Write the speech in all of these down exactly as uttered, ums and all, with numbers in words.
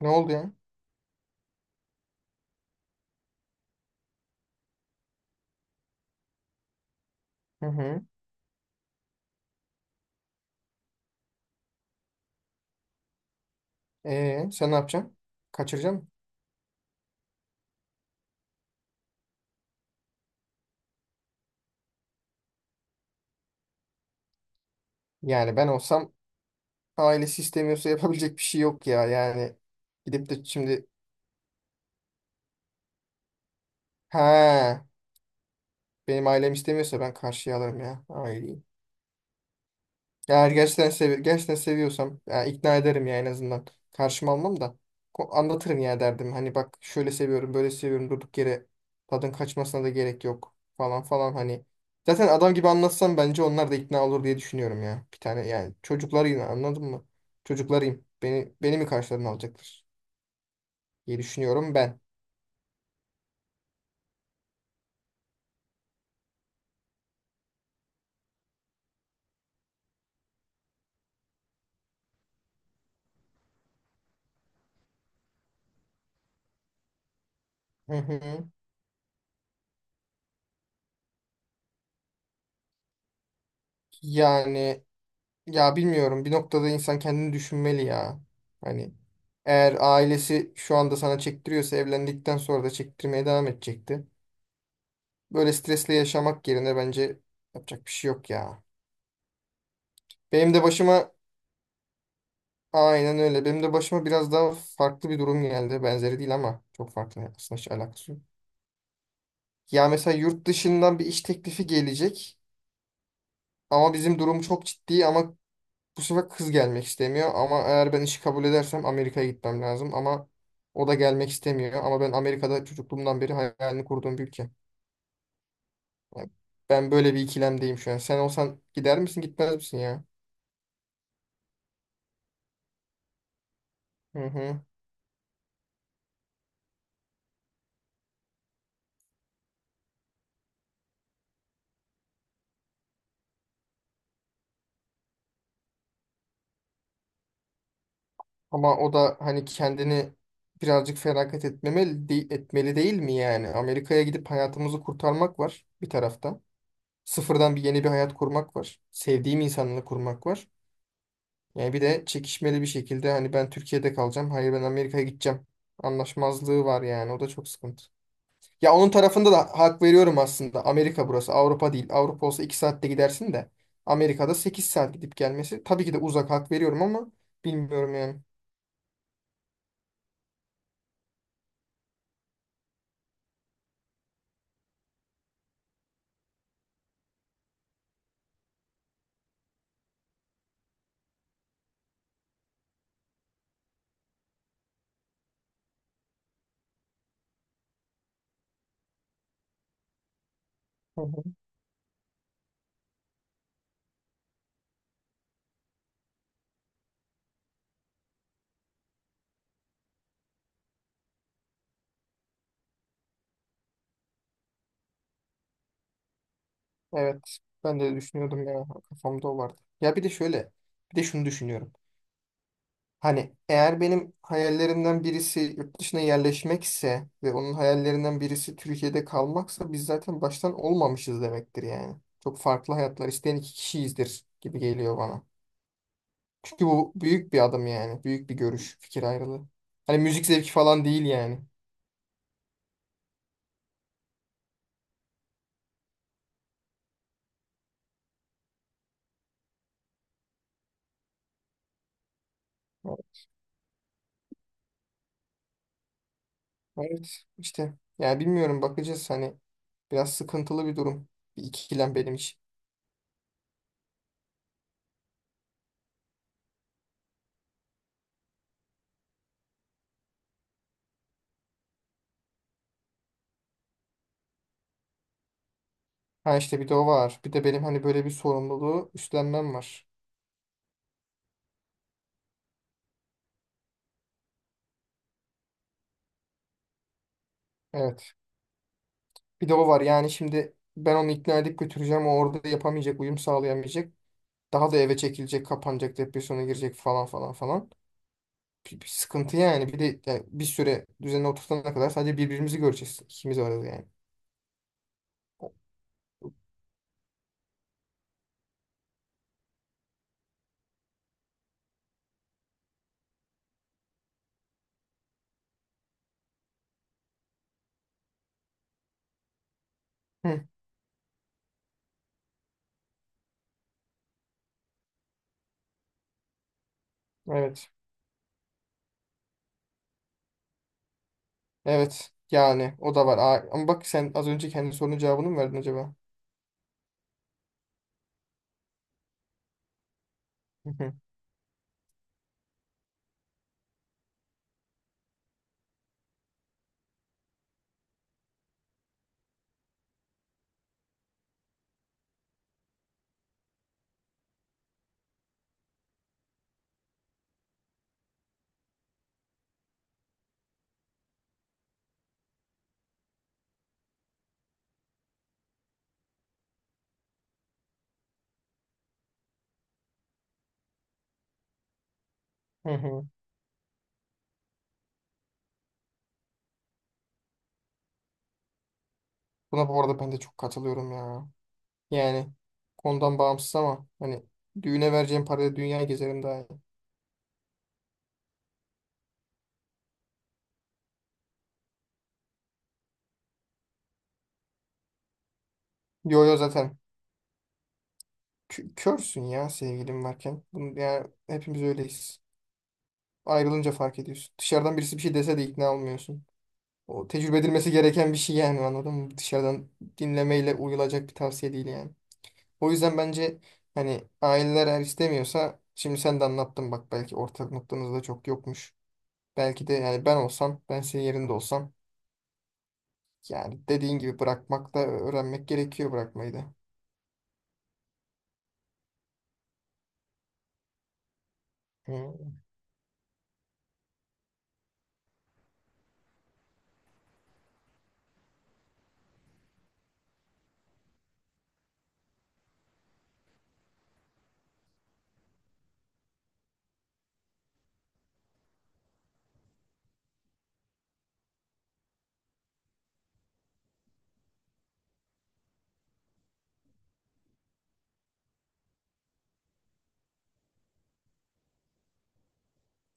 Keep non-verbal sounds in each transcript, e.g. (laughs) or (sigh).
Ne oldu ya? Hı hı. Ee, sen ne yapacaksın? Kaçıracaksın mı? Yani ben olsam ailesi istemiyorsa (laughs) yapabilecek bir şey yok ya. Yani gidip de şimdi ha benim ailem istemiyorsa ben karşıya alırım ya aileyi. Eğer gerçekten, sevi gerçekten seviyorsam yani ikna ederim ya en azından. Karşıma almam da ko- anlatırım ya derdim. Hani bak şöyle seviyorum böyle seviyorum durduk yere tadın kaçmasına da gerek yok falan falan hani. Zaten adam gibi anlatsam bence onlar da ikna olur diye düşünüyorum ya. Bir tane yani çocuklarıyım anladın mı? Çocuklarıyım. Beni, beni mi karşılarına alacaklar diye düşünüyorum ben. Hı hı. Yani ya bilmiyorum bir noktada insan kendini düşünmeli ya. Hani eğer ailesi şu anda sana çektiriyorsa evlendikten sonra da çektirmeye devam edecekti. Böyle stresle yaşamak yerine bence yapacak bir şey yok ya. Benim de başıma aynen öyle. Benim de başıma biraz daha farklı bir durum geldi. Benzeri değil ama çok farklı aslında, hiç alakası yok. Ya mesela yurt dışından bir iş teklifi gelecek ama bizim durum çok ciddi, ama bu sefer kız gelmek istemiyor. Ama eğer ben işi kabul edersem Amerika'ya gitmem lazım, ama o da gelmek istemiyor. Ama ben, Amerika'da çocukluğumdan beri hayalini kurduğum bir ülke. Ya, ben böyle bir ikilemdeyim şu an. Sen olsan gider misin, gitmez misin ya? Hı hı. Ama o da hani kendini birazcık feragat etmemeli, de- etmeli değil mi yani? Amerika'ya gidip hayatımızı kurtarmak var bir tarafta. Sıfırdan bir yeni bir hayat kurmak var. Sevdiğim insanla kurmak var. Yani bir de çekişmeli bir şekilde hani, ben Türkiye'de kalacağım. Hayır, ben Amerika'ya gideceğim. Anlaşmazlığı var yani. O da çok sıkıntı. Ya onun tarafında da hak veriyorum aslında. Amerika burası, Avrupa değil. Avrupa olsa iki saatte gidersin de Amerika'da sekiz saat gidip gelmesi tabii ki de uzak, hak veriyorum ama bilmiyorum yani. Hı hı. Evet. Ben de düşünüyordum ya. Kafamda o vardı. Ya bir de şöyle. Bir de şunu düşünüyorum. Hani eğer benim hayallerimden birisi yurt dışına yerleşmekse ve onun hayallerinden birisi Türkiye'de kalmaksa biz zaten baştan olmamışız demektir yani. Çok farklı hayatlar isteyen iki kişiyizdir gibi geliyor bana. Çünkü bu büyük bir adım yani. Büyük bir görüş, fikir ayrılığı. Hani müzik zevki falan değil yani. Evet işte. Yani bilmiyorum, bakacağız hani. Biraz sıkıntılı bir durum. Bir ikilem benim için. Ha işte bir de o var. Bir de benim hani böyle bir sorumluluğu üstlenmem var. Evet. Bir de o var. Yani şimdi ben onu ikna edip götüreceğim. O orada yapamayacak, uyum sağlayamayacak. Daha da eve çekilecek, kapanacak, depresyona girecek falan falan falan. bir, bir sıkıntı yani. Bir de yani bir süre düzenine oturtana kadar sadece birbirimizi göreceğiz. İkimiz varız yani. O- hı, evet. Evet. Yani o da var. Aa, ama bak sen az önce kendi sorunun cevabını mı verdin acaba? Hı hı. Hı hı. Buna bu arada ben de çok katılıyorum ya. Yani konudan bağımsız ama hani düğüne vereceğim parayla dünyayı gezerim, daha iyi. Yo yo, zaten kö- körsün ya sevgilim varken. Bunu, yani hepimiz öyleyiz. Ayrılınca fark ediyorsun. Dışarıdan birisi bir şey dese de ikna olmuyorsun. O tecrübe edilmesi gereken bir şey yani, anladın mı? Dışarıdan dinlemeyle uyulacak bir tavsiye değil yani. O yüzden bence hani aileler eğer istemiyorsa, şimdi sen de anlattın bak, belki ortak noktanız da çok yokmuş. Belki de yani ben olsam, ben senin yerinde olsam, yani dediğin gibi bırakmak da öğrenmek gerekiyor, bırakmayı da. Hı.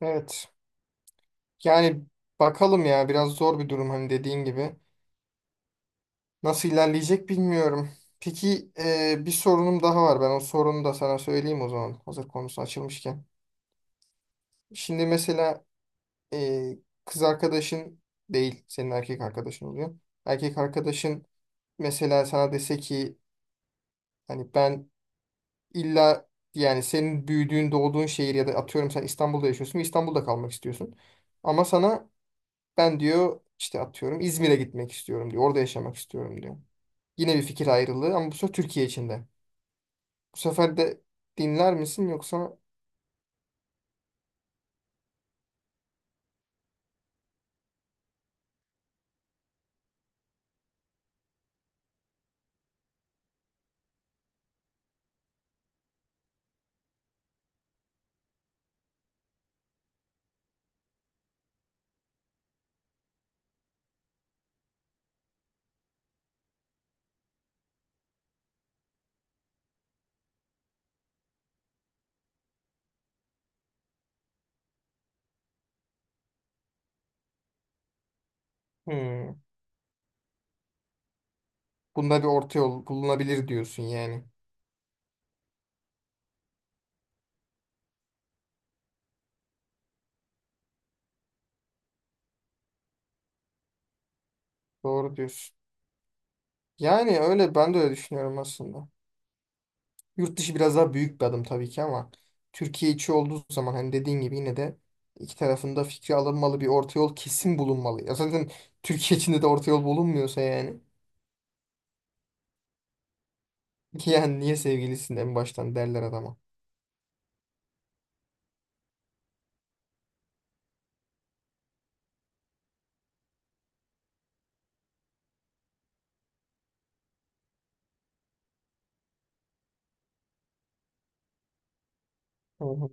Evet. Yani bakalım ya, biraz zor bir durum hani dediğin gibi. Nasıl ilerleyecek bilmiyorum. Peki e, bir sorunum daha var. Ben o sorunu da sana söyleyeyim o zaman. Hazır konusu açılmışken. Şimdi mesela e, kız arkadaşın değil, senin erkek arkadaşın oluyor. Erkek arkadaşın mesela sana dese ki hani, ben İlla yani senin büyüdüğün, doğduğun şehir, ya da atıyorum sen İstanbul'da yaşıyorsun ve İstanbul'da kalmak istiyorsun. Ama sana ben diyor, işte atıyorum İzmir'e gitmek istiyorum diyor. Orada yaşamak istiyorum diyor. Yine bir fikir ayrılığı ama bu sefer Türkiye içinde. Bu sefer de dinler misin yoksa? Hmm, bunda bir orta yol bulunabilir diyorsun yani. Doğru diyorsun. Yani öyle, ben de öyle düşünüyorum aslında. Yurt dışı biraz daha büyük bir adım tabii ki ama Türkiye içi olduğu zaman hani dediğin gibi yine de iki tarafında fikri alınmalı, bir orta yol kesin bulunmalı. Ya zaten Türkiye içinde de orta yol bulunmuyorsa yani (laughs) ki yani niye sevgilisin en baştan derler adama. Hı hı.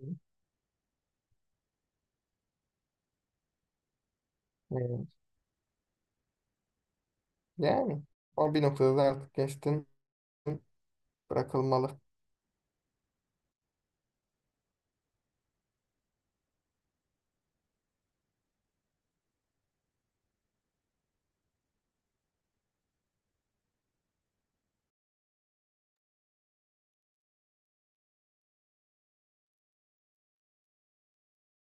Evet. Yani o bir noktada da artık geçtin, bırakılmalı.